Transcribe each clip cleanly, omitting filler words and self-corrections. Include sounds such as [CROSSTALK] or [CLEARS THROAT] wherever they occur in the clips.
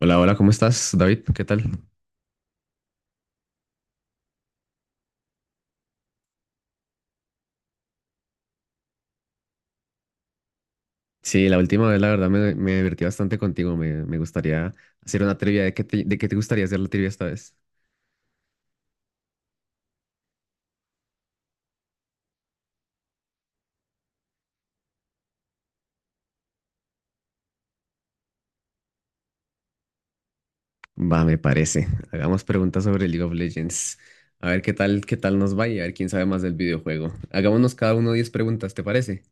Hola, hola, ¿cómo estás, David? ¿Qué tal? Sí, la última vez, la verdad, me divertí bastante contigo. Me gustaría hacer una trivia. ¿De qué te gustaría hacer la trivia esta vez? Va, me parece. Hagamos preguntas sobre League of Legends. A ver qué tal nos va y a ver quién sabe más del videojuego. Hagámonos cada uno 10 preguntas, ¿te parece?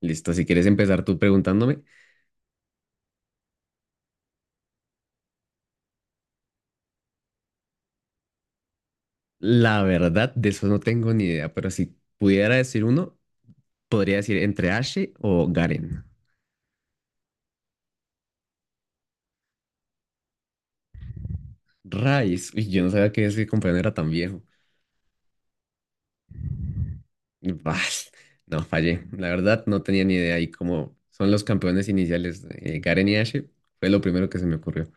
Listo, si quieres empezar tú preguntándome. La verdad, de eso no tengo ni idea, pero si pudiera decir uno, podría decir entre Ashe o Garen. Rice, uy, yo no sabía que ese compañero era tan viejo. Bah, no, fallé. La verdad, no tenía ni idea. Y como son los campeones iniciales, Garen y Ashe, fue lo primero que se me ocurrió.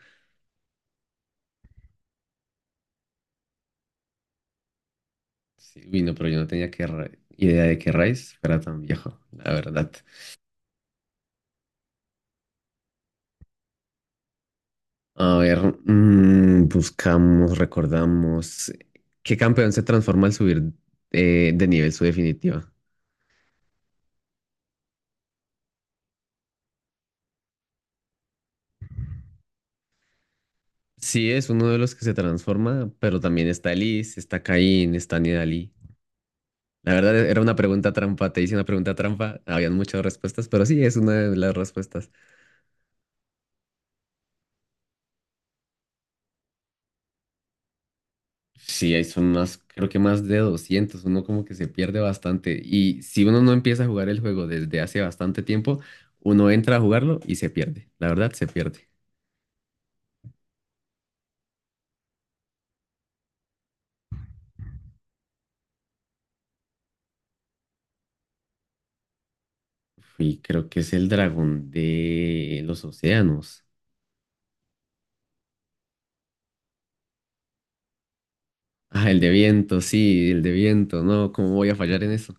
Sí, uy, no, pero yo no tenía idea de que Rice fuera tan viejo, la verdad. A ver, buscamos, recordamos. ¿Qué campeón se transforma al subir de nivel su definitiva? Sí, es uno de los que se transforma, pero también está Elise, está Kayn, está Nidalee. La verdad era una pregunta trampa, te hice una pregunta trampa, habían muchas respuestas, pero sí, es una de las respuestas. Sí, ahí son más, creo que más de 200, uno como que se pierde bastante y si uno no empieza a jugar el juego desde hace bastante tiempo, uno entra a jugarlo y se pierde, la verdad se pierde. Y creo que es el dragón de los océanos. Ah, el de viento, sí, el de viento, no, ¿cómo voy a fallar en eso?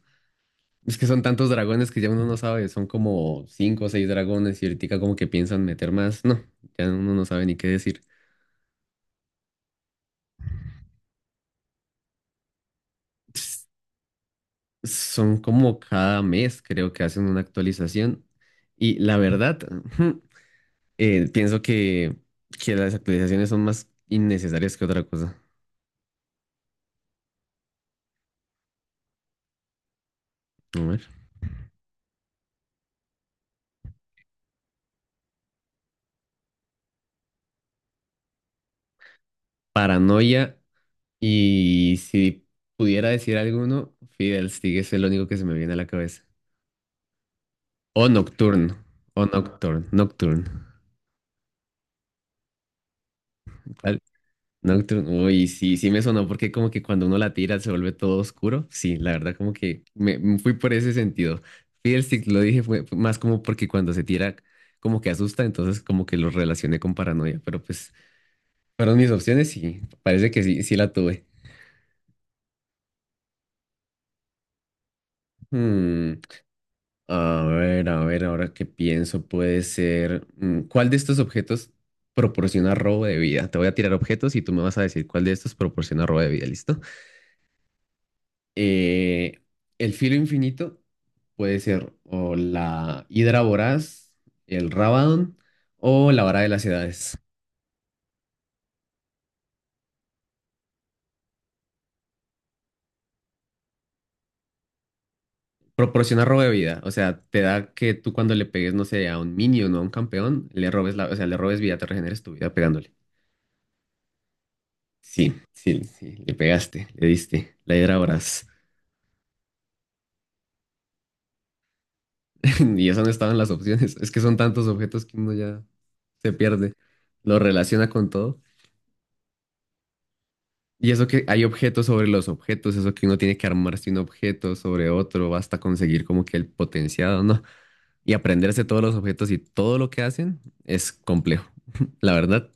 Es que son tantos dragones que ya uno no sabe, son como cinco o seis dragones y ahorita como que piensan meter más. No, ya uno no sabe ni qué decir. Ps- Son como cada mes, creo que hacen una actualización. Y la verdad, [LAUGHS] pienso que las actualizaciones son más innecesarias que otra cosa. A ver. Paranoia. Y si pudiera decir alguno, Fidel Stick es el único que se me viene a la cabeza. O Nocturne. O Nocturne. Nocturne. Nocturne, uy, sí, sí me sonó porque como que cuando uno la tira se vuelve todo oscuro. Sí, la verdad como que me fui por ese sentido. Fiddlesticks lo dije fue más como porque cuando se tira como que asusta, entonces como que lo relacioné con paranoia, pero pues fueron mis opciones y parece que sí, sí la tuve. Hmm, a ver, ahora que pienso puede ser, ¿cuál de estos objetos proporciona robo de vida? Te voy a tirar objetos y tú me vas a decir cuál de estos proporciona robo de vida, ¿listo? Eh, el filo infinito puede ser o la hidra voraz, el Rabadon o la vara de las edades. Proporciona robo de vida, o sea, te da que tú cuando le pegues, no sé, a un minion o no a un campeón, le robes la, o sea, le robes vida, te regeneres tu vida pegándole. Sí, sí, sí, le pegaste, le diste, la hidra voraz. [LAUGHS] Y eso no estaban las opciones, es que son tantos objetos que uno ya se pierde, lo relaciona con todo. Y eso que hay objetos sobre los objetos, eso que uno tiene que armarse un objeto sobre otro hasta conseguir como que el potenciado, ¿no? Y aprenderse todos los objetos y todo lo que hacen es complejo. [LAUGHS] La verdad,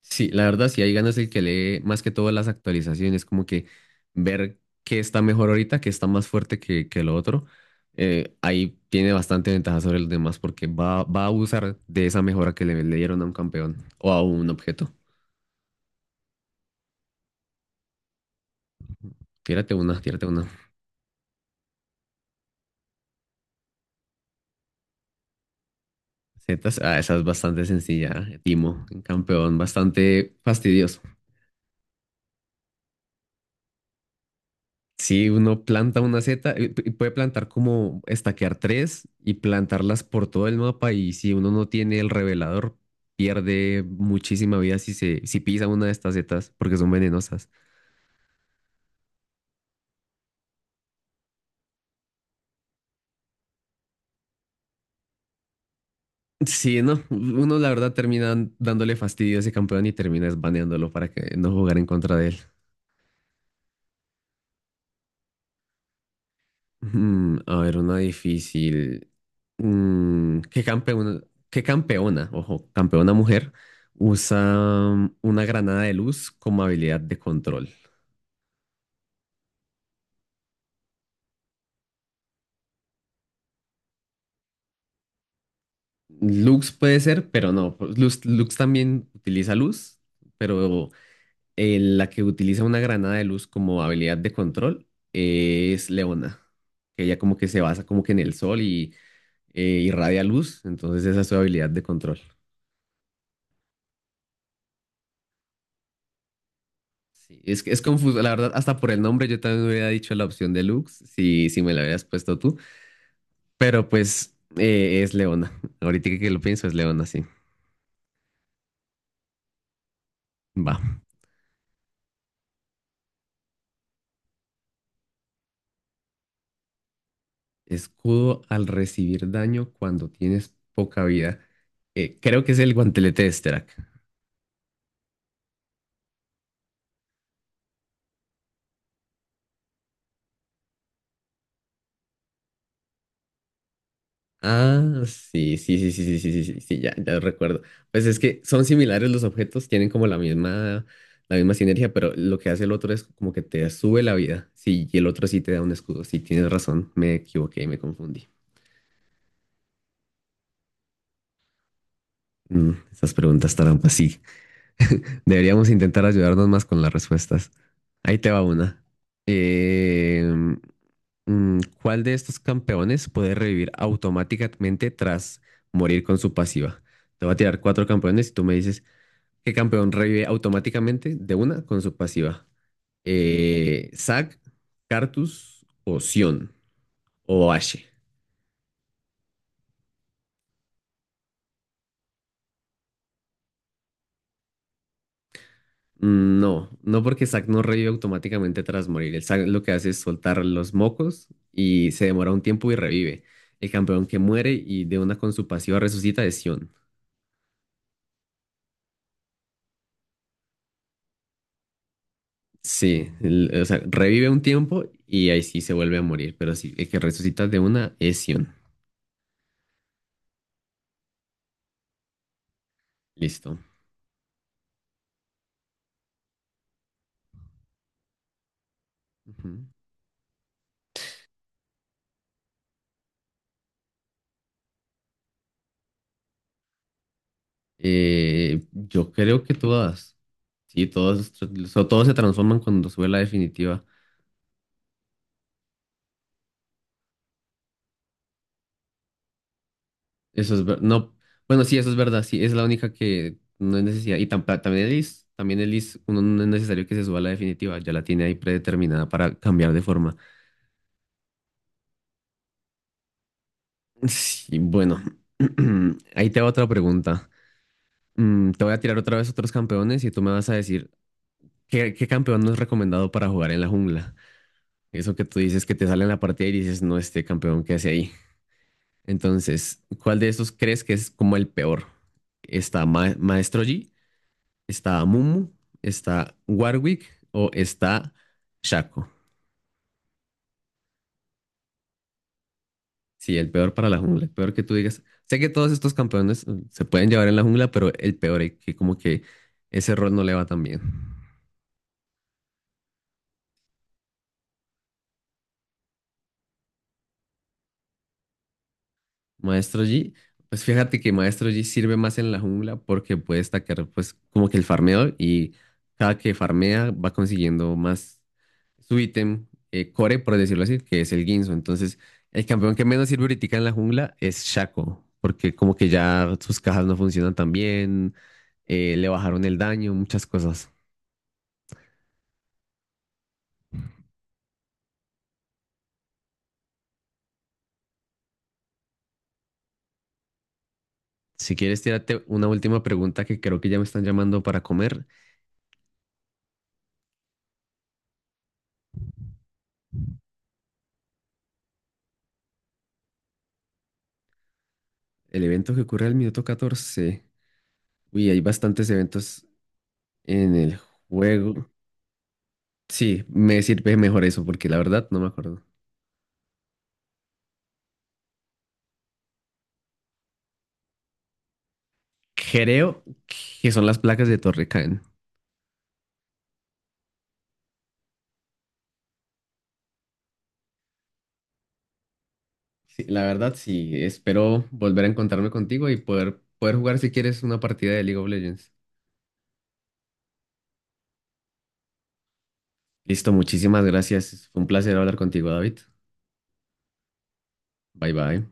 sí, la verdad, sí hay ganas el que lee más que todo las actualizaciones, como que ver qué está mejor ahorita, qué está más fuerte que lo otro. Ahí tiene bastante ventaja sobre los demás porque va a usar de esa mejora que le dieron a un campeón o a un objeto. Tírate una, tírate una. Zetas, ah, esa es bastante sencilla, Timo, un campeón, bastante fastidioso. Si uno planta una zeta, puede plantar como estaquear tres y plantarlas por todo el mapa y si uno no tiene el revelador, pierde muchísima vida si pisa una de estas zetas porque son venenosas. Sí, no, uno la verdad termina dándole fastidio a ese campeón y termina baneándolo para que no jugar en contra de él. A ver, una difícil. ¿Qué campeona, qué campeona, ojo, campeona mujer usa una granada de luz como habilidad de control? Lux puede ser, pero no. Pues, Lux, también utiliza luz, pero la que utiliza una granada de luz como habilidad de control es Leona, que ella como que se basa como que en el sol y irradia luz, entonces esa es su habilidad de control. Sí, es que es confuso, la verdad, hasta por el nombre yo también hubiera dicho la opción deluxe, si me la hubieras puesto tú, pero pues es Leona, ahorita que lo pienso es Leona, sí, va. Escudo al recibir daño cuando tienes poca vida, creo que es el guantelete de Sterak. Ah, sí, sí, sí, sí, sí, sí, sí, sí, sí, ya, ya recuerdo. Pues es que son similares los objetos, tienen como la misma sinergia, pero lo que hace el otro es como que te sube la vida. Sí, y el otro sí te da un escudo. Sí, tienes razón, me equivoqué, me confundí. Esas preguntas trampas, sí. [LAUGHS] Deberíamos intentar ayudarnos más con las respuestas. Ahí te va una. Eh, ¿cuál de estos campeones puede revivir automáticamente tras morir con su pasiva? Te voy a tirar cuatro campeones y tú me dices ¿Qué campeón revive automáticamente de una con su pasiva. Zac, Cartus o Sion o Ashe. No, no porque Zac no revive automáticamente tras morir. El Zac lo que hace es soltar los mocos y se demora un tiempo y revive. El campeón que muere y de una con su pasiva resucita es Sion. Sí, o sea, revive un tiempo y ahí sí se vuelve a morir, pero sí, el que resucita de una es Sion. Listo. Ujú. Yo creo que todas. Sí, todas se transforman cuando sube la definitiva. No, bueno, sí, eso es verdad. Sí, es la única que no es necesidad. Y también el is, uno no es necesario que se suba a la definitiva. Ya la tiene ahí predeterminada para cambiar de forma. Sí, bueno. [CLEARS THROAT] Ahí te va otra pregunta. Te voy a tirar otra vez otros campeones y tú me vas a decir qué campeón no es recomendado para jugar en la jungla. Eso que tú dices que te sale en la partida y dices, no, este campeón que hace ahí. Entonces, ¿cuál de esos crees que es como el peor? ¿Está Maestro Yi? ¿Está Mumu? ¿Está Warwick? ¿O está Shaco? Sí, el peor para la jungla, el peor que tú digas. Sé que todos estos campeones se pueden llevar en la jungla, pero el peor, es que como que ese rol no le va tan bien. Maestro Yi, pues fíjate que Maestro Yi sirve más en la jungla porque puede destacar pues como que el farmeo y cada que farmea va consiguiendo más su ítem core, por decirlo así, que es el Guinzo. Entonces, el campeón que menos sirve ahorita en la jungla es Shaco, porque como que ya sus cajas no funcionan tan bien, le bajaron el daño, muchas cosas. Si quieres, tírate una última pregunta que creo que ya me están llamando para comer. El evento que ocurre al minuto 14. Uy, hay bastantes eventos en el juego. Sí, me sirve mejor eso, porque la verdad no me acuerdo. Creo que son las placas de Torre Caen. Sí, la verdad, sí, espero volver a encontrarme contigo y poder jugar si quieres una partida de League of Legends. Listo, muchísimas gracias. Fue un placer hablar contigo, David. Bye bye.